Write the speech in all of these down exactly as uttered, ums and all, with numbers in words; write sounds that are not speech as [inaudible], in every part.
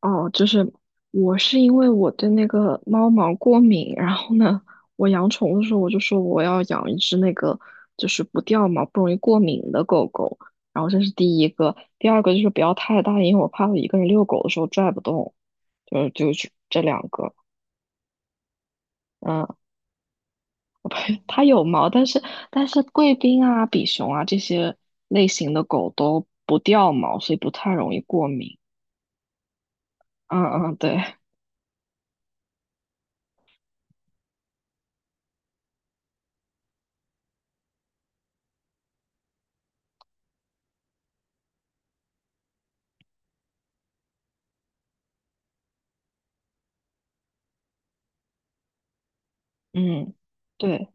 哦，就是我是因为我对那个猫毛过敏，然后呢，我养宠物的时候我就说我要养一只那个就是不掉毛、不容易过敏的狗狗，然后这是第一个，第二个就是不要太大，因为我怕我一个人遛狗的时候拽不动，就是就是这两个。嗯，它有毛，但是但是贵宾啊、比熊啊这些类型的狗都不掉毛，所以不太容易过敏。嗯嗯，对。嗯。对，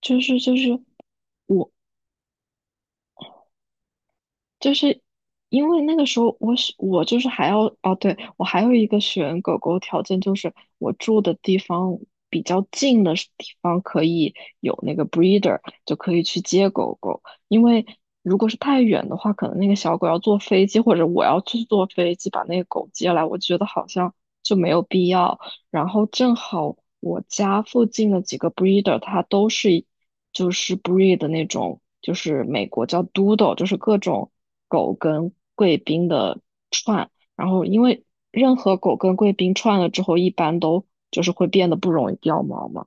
就是就是，我就是因为那个时候我是我就是还要。哦，对，我还有一个选狗狗条件就是我住的地方比较近的地方可以有那个 breeder，就可以去接狗狗。因为如果是太远的话，可能那个小狗要坐飞机，或者我要去坐飞机把那个狗接来，我觉得好像就没有必要。然后正好我家附近的几个 breeder，它都是就是 breed 的那种，就是美国叫 Doodle，就是各种狗跟贵宾的串。然后因为任何狗跟贵宾串了之后，一般都就是会变得不容易掉毛嘛。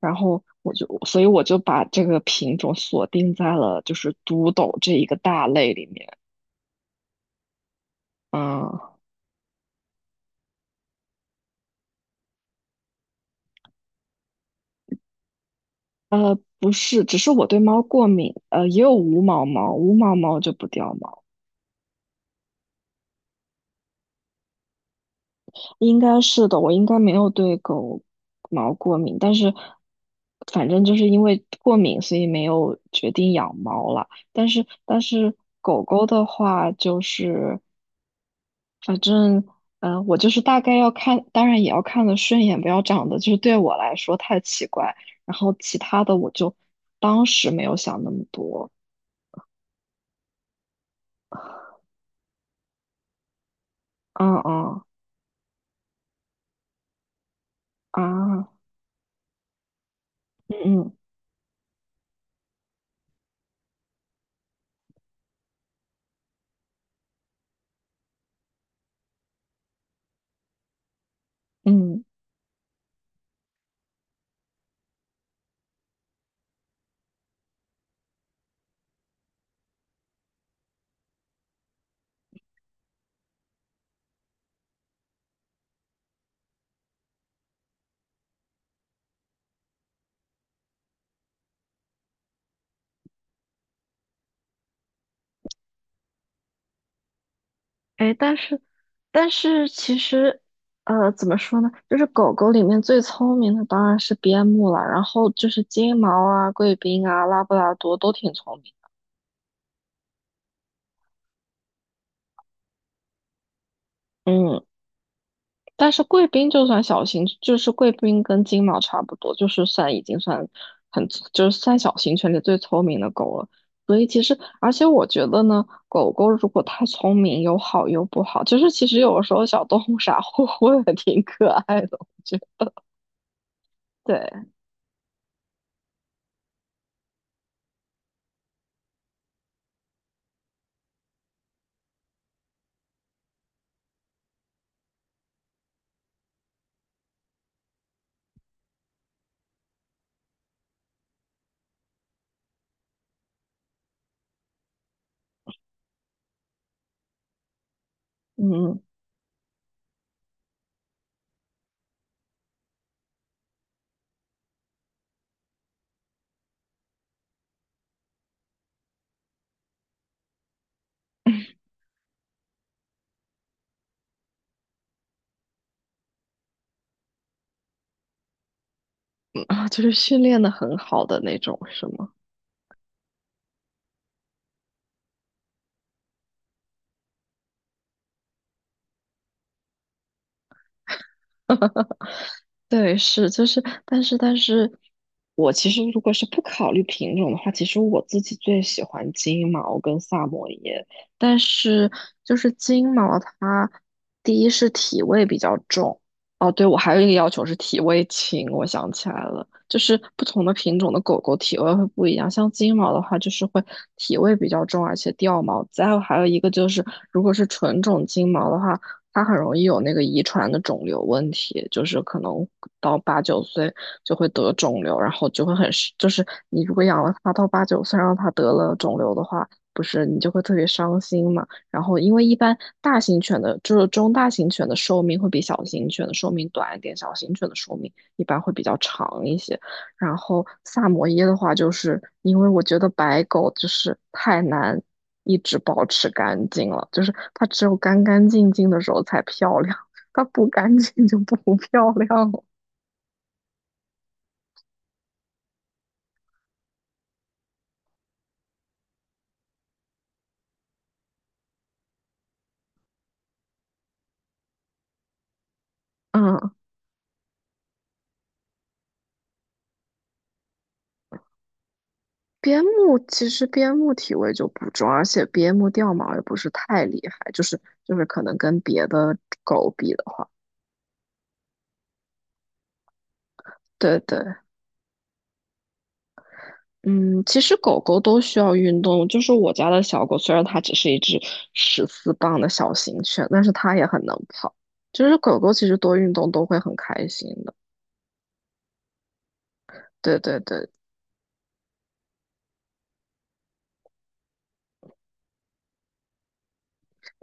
然后我就，所以我就把这个品种锁定在了就是 Doodle 这一个大类里面。啊，不是，只是我对猫过敏，呃，也有无毛猫，无毛猫就不掉毛。应该是的，我应该没有对狗毛过敏，但是反正就是因为过敏，所以没有决定养猫了。但是但是狗狗的话，就是反正嗯、呃我就是大概要看，当然也要看的顺眼，不要长得就是对我来说太奇怪。然后其他的我就当时没有想那么多。嗯嗯。啊。嗯嗯嗯。哎，但是，但是其实，呃，怎么说呢？就是狗狗里面最聪明的当然是边牧了，然后就是金毛啊、贵宾啊、拉布拉多都挺聪明。嗯，但是贵宾就算小型，就是贵宾跟金毛差不多，就是算已经算很，就是算小型犬里最聪明的狗了。所以其实，而且我觉得呢，狗狗如果太聪明，有好有不好。就是其实有的时候小动物 [laughs] 傻乎乎的挺可爱的，我觉得。对。嗯。啊，就是训练的很好的那种，是吗？对，是，就是，但是，但是我其实如果是不考虑品种的话，其实我自己最喜欢金毛跟萨摩耶，但是就是金毛它第一是体味比较重，哦，对，我还有一个要求是体味轻，我想起来了，就是不同的品种的狗狗体味会不一样，像金毛的话就是会体味比较重，而且掉毛，再有还有一个就是如果是纯种金毛的话。它很容易有那个遗传的肿瘤问题，就是可能到八九岁就会得肿瘤，然后就会很是，就是你如果养了它到八九岁，让它得了肿瘤的话，不是你就会特别伤心嘛。然后因为一般大型犬的，就是中大型犬的寿命会比小型犬的寿命短一点，小型犬的寿命一般会比较长一些。然后萨摩耶的话，就是因为我觉得白狗就是太难一直保持干净了，就是它只有干干净净的时候才漂亮，[laughs] 它不干净就不 [laughs] 漂亮了。嗯，边牧其实边牧体味就不重，而且边牧掉毛也不是太厉害，就是就是可能跟别的狗比的话，对对。嗯，其实狗狗都需要运动，就是我家的小狗，虽然它只是一只十四磅的小型犬，但是它也很能跑，就是狗狗其实多运动都会很开心的，对对对。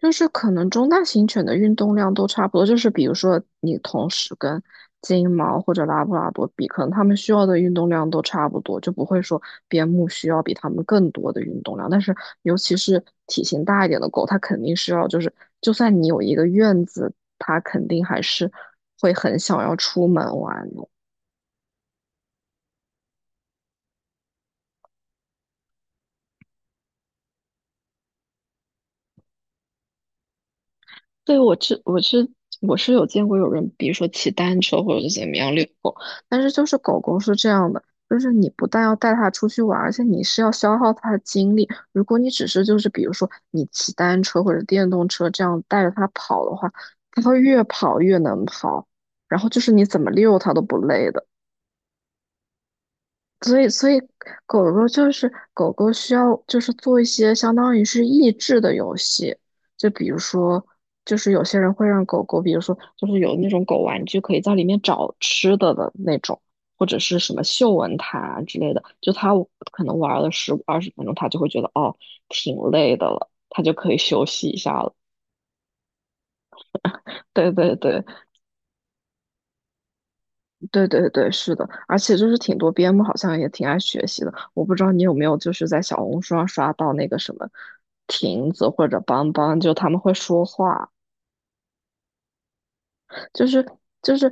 就是可能中大型犬的运动量都差不多，就是比如说你同时跟金毛或者拉布拉多比，可能它们需要的运动量都差不多，就不会说边牧需要比它们更多的运动量。但是尤其是体型大一点的狗，它肯定是要就是，就算你有一个院子，它肯定还是会很想要出门玩。对，我是我是我是有见过有人，比如说骑单车或者是怎么样遛狗，但是就是狗狗是这样的，就是你不但要带它出去玩而且你是要消耗它的精力。如果你只是就是比如说你骑单车或者电动车这样带着它跑的话，它会越跑越能跑，然后就是你怎么遛它都不累的。所以，所以狗狗就是狗狗需要就是做一些相当于是益智的游戏，就比如说，就是有些人会让狗狗，比如说就是有那种狗玩具可以在里面找吃的的那种，或者是什么嗅闻毯啊之类的，就它可能玩了十二十分钟，它就会觉得哦挺累的了，它就可以休息一下了。对对对。对对对，是的，而且就是挺多边牧好像也挺爱学习的，我不知道你有没有就是在小红书上刷到那个什么亭子或者邦邦，就他们会说话，就是就是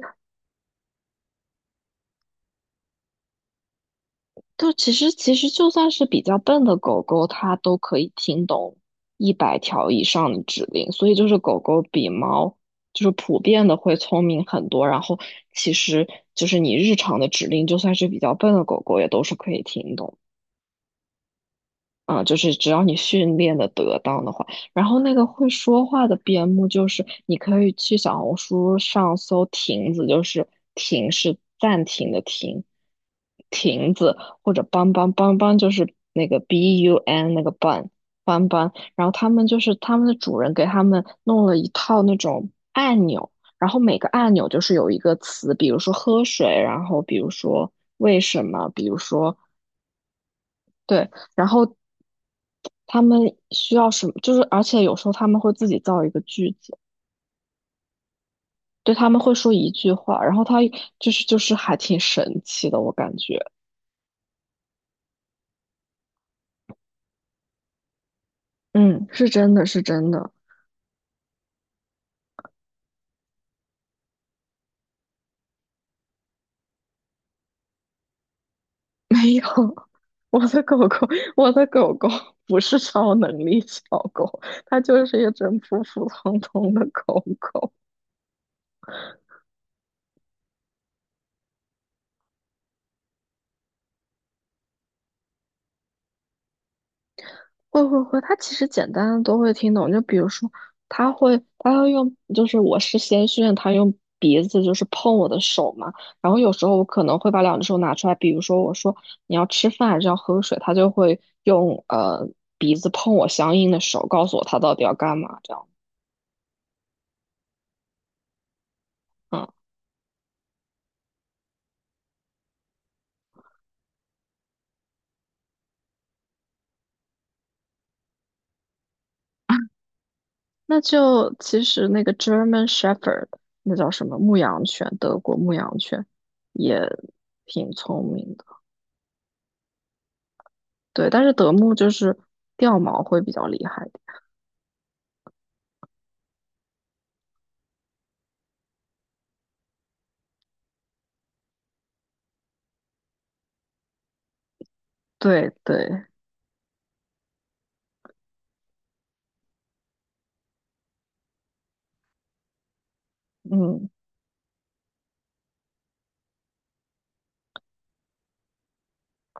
就其实其实就算是比较笨的狗狗，它都可以听懂一百条以上的指令，所以就是狗狗比猫就是普遍的会聪明很多，然后其实就是你日常的指令，就算是比较笨的狗狗也都是可以听懂。啊，就是只要你训练的得当的话，然后那个会说话的边牧，就是你可以去小红书上搜“亭子”，就是“亭是暂停的“停”，亭子或者邦邦邦邦就是那个 B U N 那个班邦邦，然后他们就是他们的主人给他们弄了一套那种按钮，然后每个按钮就是有一个词，比如说喝水，然后比如说为什么，比如说对，然后他们需要什么？就是而且有时候他们会自己造一个句子，对，他们会说一句话，然后他就是就是还挺神奇的，我感觉，嗯，是真的是真的，[laughs] 没有，[laughs] 我的狗狗，我的狗狗不是超能力小狗，它就是一只普普通通的狗狗。会会会，他其实简单的都会听懂。就比如说，他会，他要用，就是我是先训，他用鼻子就是碰我的手嘛。然后有时候我可能会把两只手拿出来，比如说我说你要吃饭还是要喝水，他就会用呃鼻子碰我相应的手，告诉我他到底要干嘛这样。嗯，那就其实那个 German Shepherd，那叫什么牧羊犬，德国牧羊犬也挺聪明的。对，但是德牧就是掉毛会比较厉害。对对。嗯，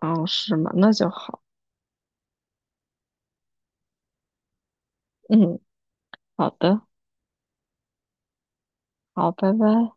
哦，是吗？那就好。嗯，好的，好，拜拜。